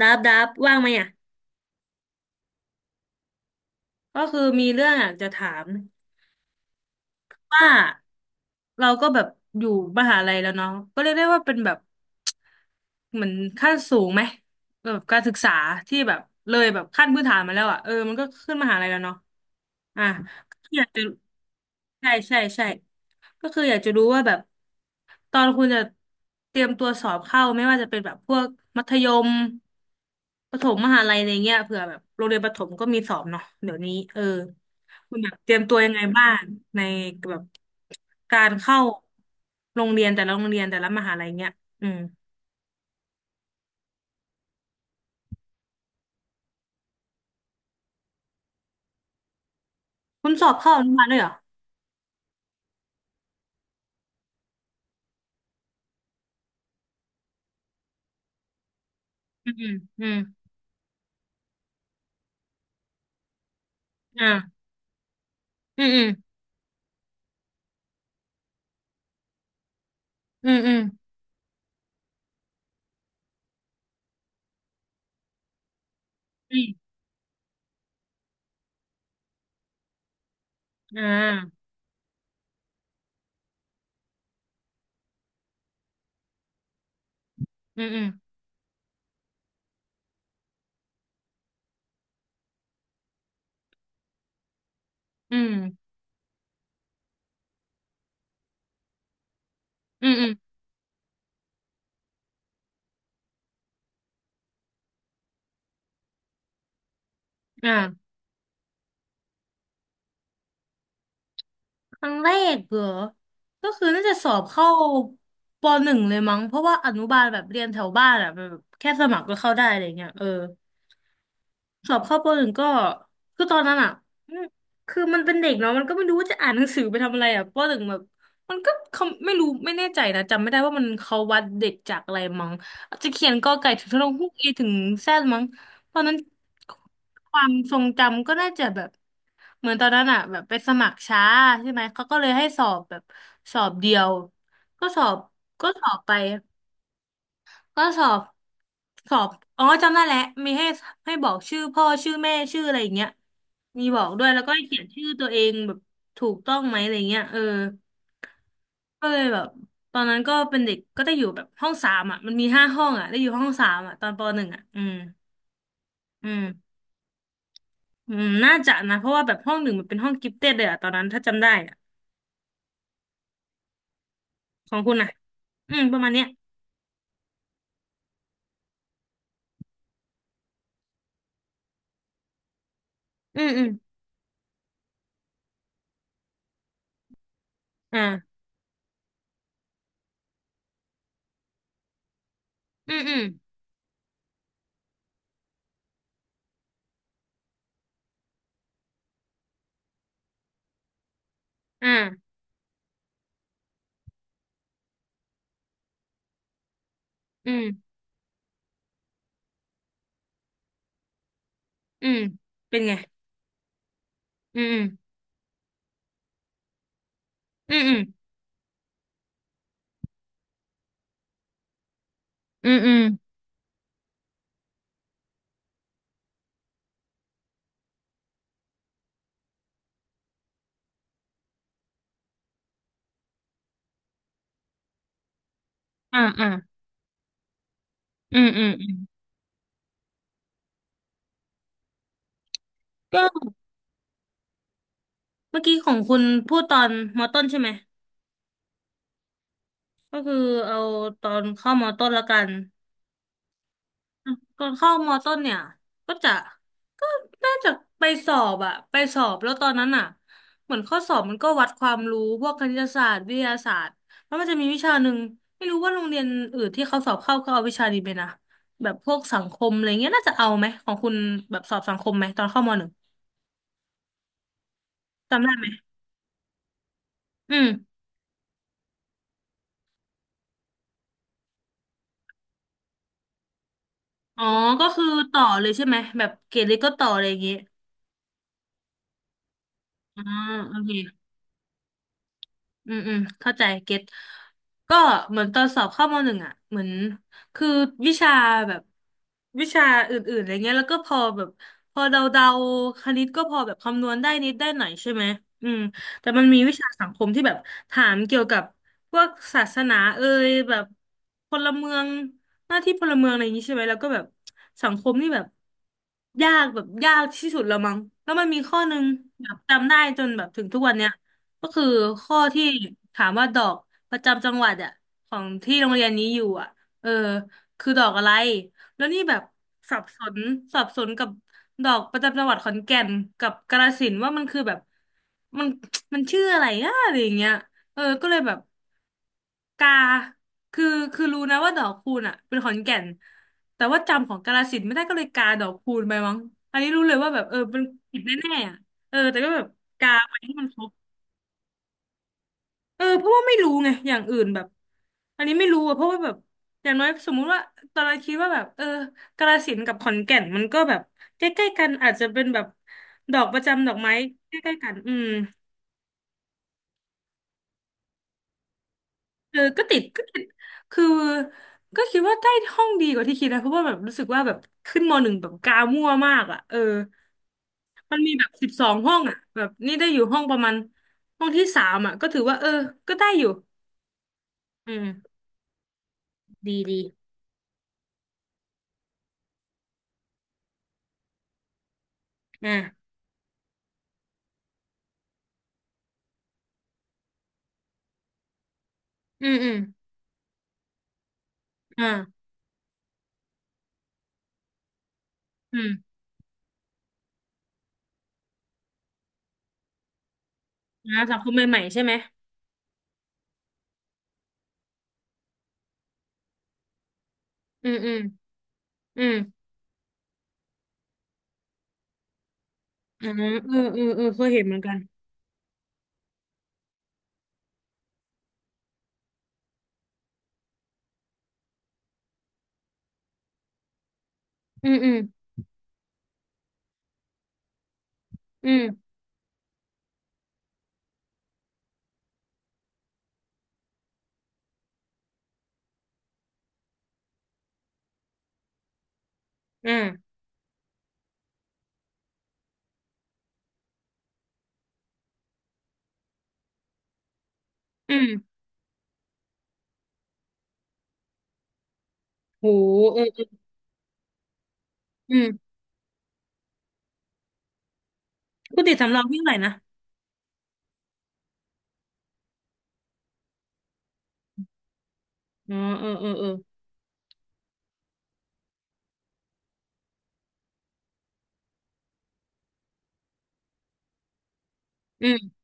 ดับว่างไหมอ่ะก็คือมีเรื่องอยากจะถามว่าเราก็แบบอยู่มหาลัยแล้วเนาะก็เรียกได้ว่าเป็นแบบเหมือนขั้นสูงไหมแบบการศึกษาที่แบบเลยแบบขั้นพื้นฐานมาแล้วอ่ะเออมันก็ขึ้นมหาลัยแล้วเนาะอ่ะอยากจะ ใช่ใช่ใช่ก็คืออยากจะรู้ว่าแบบตอนคุณจะเตรียมตัวสอบเข้าไม่ว่าจะเป็นแบบพวกมัธยมประถมมหาลัยอะไรเงี้ยเผื่อแบบโรงเรียนประถมก็มีสอบเนาะเดี๋ยวนี้เออคุณแบบเตรียมตัวยังไงบ้างในแบบการเข้าโรงเรียนแต่ละโรงเรียนแต่ละมหาลัยเงี้ยอืมคุณสอบเข้าอนุบาลด้วยเหรออืมอืมอืมอ่าอืมอืมอืมอืมอืมอ่าอืมอืมอืมอืมอืมอ่า ครั้งแรกเหรอ ก็คือน่าจะสอบเข้าปหนึ่งเลยมั้ง เพราะว่าอนุบาลแบบเรียนแถวบ้านอ่ะแบบแค่สมัครก็เข้าได้อะไรเงี้ยเออ สอบเข้าปหนึ่งก็คือตอนนั้นอ่ะอืมคือมันเป็นเด็กเนาะมันก็ไม่รู้ว่าจะอ่านหนังสือไปทำอะไรอ่ะปหนึ่งแบบมันก็เขาไม่รู้ไม่แน่ใจนะจำไม่ได้ว่ามันเขาวัดเด็กจากอะไรมั้งอาจจะเขียนกอไก่ถึงทะลงฮุกอีถึงแซดมั้งตอนนั้นความทรงจำก็น่าจะแบบเหมือนตอนนั้นอ่ะแบบไปสมัครช้าใช่ไหมเขาก็เลยให้สอบแบบสอบเดียวก็สอบก็สอบไป ก็สอบสอบอ๋อจำได้แล้วมีให้บอกชื่อพ่อชื่อแม่ชื่ออะไรอย่างเงี้ยมีบอกด้วยแล้วก็ให้เขียนชื่อตัวเองแบบถูกต้องไหมอะไรเงี้ยเออก็เลยแบบตอนนั้นก็เป็นเด็กก็ได้อยู่แบบห้องสามอ่ะมันมีห้าห้องอ่ะได้อยู่ห้องสามอ่ะตอนปหนึ่งอ่ะอืมอืมอืมน่าจะนะเพราะว่าแบบห้องหนึ่งมันเป็นห้องกิฟเต็ดเลยอ่ะตอนนั้นถ้าจำได้อ่ะของคุณอ่ะอืมประมาณเนี้ยอืมอืมอ่าอืมอืมอ่าอืมอืมเป็นไงอืมอืมอืมอืมอืมอืม อ่าอ่าอืมอืมอืมก็เมื่อกี้ของคุณพูดตอนมอต้นใช่ไหมก็คือเอาตอนเข้ามอต้นละกันก่อนเข้ามอต้นเนี่ยก็จะก็น่าจะไปสอบอะไปสอบแล้วตอนนั้นอะเหมือนข้อสอบมันก็วัดความรู้พวกคณิตศาสตร์วิทยาศาสตร์แล้วมันจะมีวิชาหนึ่งไม่รู้ว่าโรงเรียนอื่นที่เขาสอบเข้าเขาเอาวิชานี้ไปนะแบบพวกสังคมอะไรเงี้ยน่าจะเอาไหมของคุณแบบสอบสังคมไหมตอนเข้ามหนึ่งจำได้ไหมอืม อ๋อ ก็คือต่อเลยใช่ไหม แบบเกรดเล็กก็ต่อเลยอย่างเงี้ยอ่าโอเค อืมอืมเข้าใจเก็ตก็เหมือนตอนสอบเข้ามหนึ่งอ่ะเหมือนคือวิชาแบบวิชาอื่นๆอะไรเงี้ยแล้วก็พอแบบพอเดาๆคณิตก็พอแบบคำนวณได้นิดได้หน่อยใช่ไหมอืมแต่มันมีวิชาสังคมที่แบบถามเกี่ยวกับพวกศาสนาเอ่ยแบบพลเมืองหน้าที่พลเมืองอะไรอย่างนี้ใช่ไหมแล้วก็แบบสังคมนี่แบบยากแบบยากที่สุดแล้วมั้งแล้วมันมีข้อหนึ่งแบบจำได้จนแบบถึงทุกวันเนี้ย ก็คือข้อที่ถามว่าดอกประจำจังหวัดอะของที่โรงเรียนนี้อยู่อะเออคือดอกอะไรแล้วนี่แบบสับสนกับดอกประจำจังหวัดขอนแก่นกับกาฬสินธุ์ว่ามันคือแบบมันมันชื่ออะไรนะอะไรอย่างเงี้ยเออก็เลยแบบกาคือคือรู้นะว่าดอกคูณอะเป็นขอนแก่นแต่ว่าจำของกาฬสินธุ์ไม่ได้ก็เลยกาดอกคูณไปมั้งอันนี้รู้เลยว่าแบบเออเป็นผิดแน่ๆอะเออแต่ก็แบบกาไปให้มันครบ เออเพราะว่าไม่รู้ไงอย่างอื่นแบบอันนี้ไม่รู้อะเพราะว่าแบบอย่างน้อยสมมุติว่าตอนแรกคิดว่าแบบเออกาฬสินธุ์กับขอนแก่นมันก็แบบใกล้ๆกันอาจจะเป็นแบบดอกประจำดอกไม้ใกล้ๆกันอืมเออก็ติดก็ติดคือก็คิดว่าได้ห้องดีกว่าที่คิดนะเพราะว่าแบบรู้สึกว่าแบบขึ้นมหนึ่งแบบกามั่วมากอ่ะเออมันมีแบบ12 ห้องอ่ะแบบนี่ได้อยู่ห้องประมาณห้องที่สามอ่ะก็ถือว่าเออก็ได้อยู่อืมดีดีอ่าอืมอืมอ่า อืมนะสังคมใหม่ๆใช่ไหมอืมอืมอืมอ่าเออเออเออเคยเห็นเหมือนกันอืมอืมอืมอ่าอืมโหเออเอออืมปกติสำรองวิ่งเท่าไหร่นะอ๋อเออเออเอออืม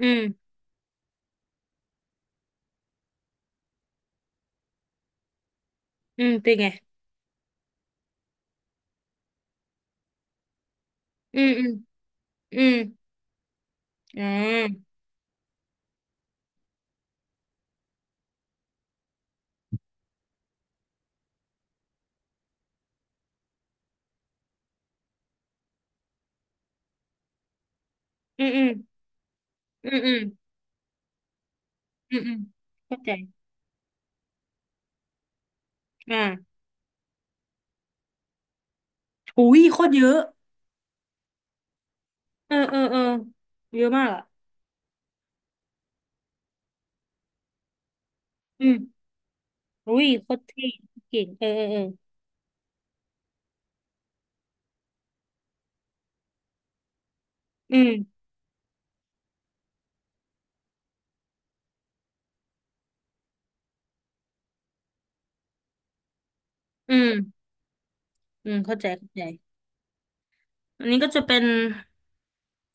อืมอืมเป็นไงอืมอืมอืมอ่าอืมอืมอืมอืมอืมอืมเข้าใจอ่าโอ้ยโคตรเยอะเออเออเออเยอะมากอ่ะอืมอุ้ยโคตรเท่เก่งเออเออเอออืมอืมอืมเข้าใจเข้าใจ อันนี้ก็จะเป็น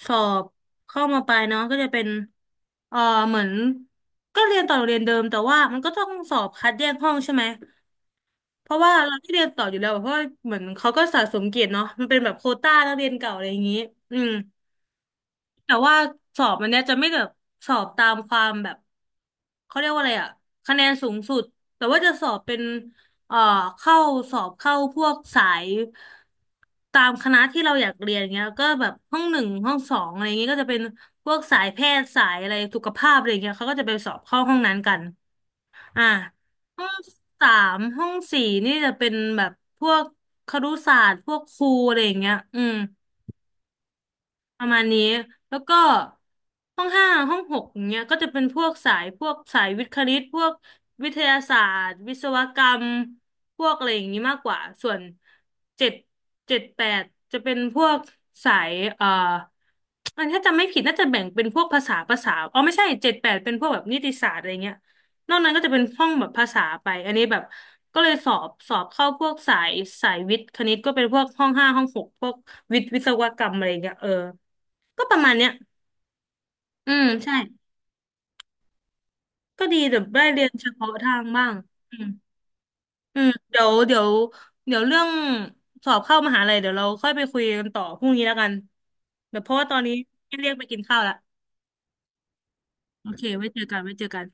สอบเข้ามาปลายเนาะก็จะเป็นเอ่อเหมือนก็เรียนต่อโรงเรียนเดิมแต่ว่ามันก็ต้องสอบคัดแยกห้องใช่ไหมเพราะว่าเราที่เรียนต่ออยู่แล้วอะเพราะว่าเหมือนเขาก็สะสมเกียรติเนาะมันเป็นแบบโควต้านักเรียนเก่าอะไรอย่างนี้อืม แต่ว่าสอบมันเนี้ยจะไม่แบบสอบตามความแบบเขาเรียกว่าอะไรอะคะแนนสูงสุดแต่ว่าจะสอบเป็นเอ่อเข้าสอบเข้าพวกสายตามคณะที่เราอยากเรียนเงี้ยก็แบบห้องหนึ่งห้องสองอะไรเงงี้ยก็จะเป็นพวกสายแพทย์สายอะไรสุขภาพอะไรเงี้ยเขาก็จะไปสอบเข้าห้องนั้นกันอ่าห้องสามห้องสี่นี่จะเป็นแบบพวกครุศาสตร์พวกครูอะไรอย่างเงี้ยอืม ประมาณนี้แล้วก็ห้องห้าห้องหกอย่างเงี้ยก็จะเป็นพวกสายพวกสายวิทย์คณิตพวกวิทยาศาสตร์วิศวกรรมพวกอะไรอย่างนี้มากกว่าส่วนเจ็ดแปดจะเป็นพวกสายอันถ้าจำไม่ผิดน่าจะแบ่งเป็นพวกภาษาภาษาอ๋อไม่ใช่เจ็ดแปดเป็นพวกแบบนิติศาสตร์อะไรเงี้ยนอกนั้นก็จะเป็นห้องแบบภาษาไปอันนี้แบบก็เลยสอบเข้าพวกสายสายวิทย์คณิตก็เป็นพวกห้องห้าห้องหกพวกวิทย์วิศวกรรมอะไรเงี้ยเออ ก็ประมาณเนี้ยอืมใช่ ก็ดีแบบได้เรียนเฉพาะทางบ้าง อืมอืมเดี๋ยวเดี๋ยวเรื่องสอบเข้ามหาลัยเดี๋ยวเราค่อยไปคุยกันต่อพรุ่งนี้แล้วกันเดี๋ยวเพราะว่าตอนนี้เรียกไปกินข้าวละโอเค ไว้เจอกัน ไว้เจอกัน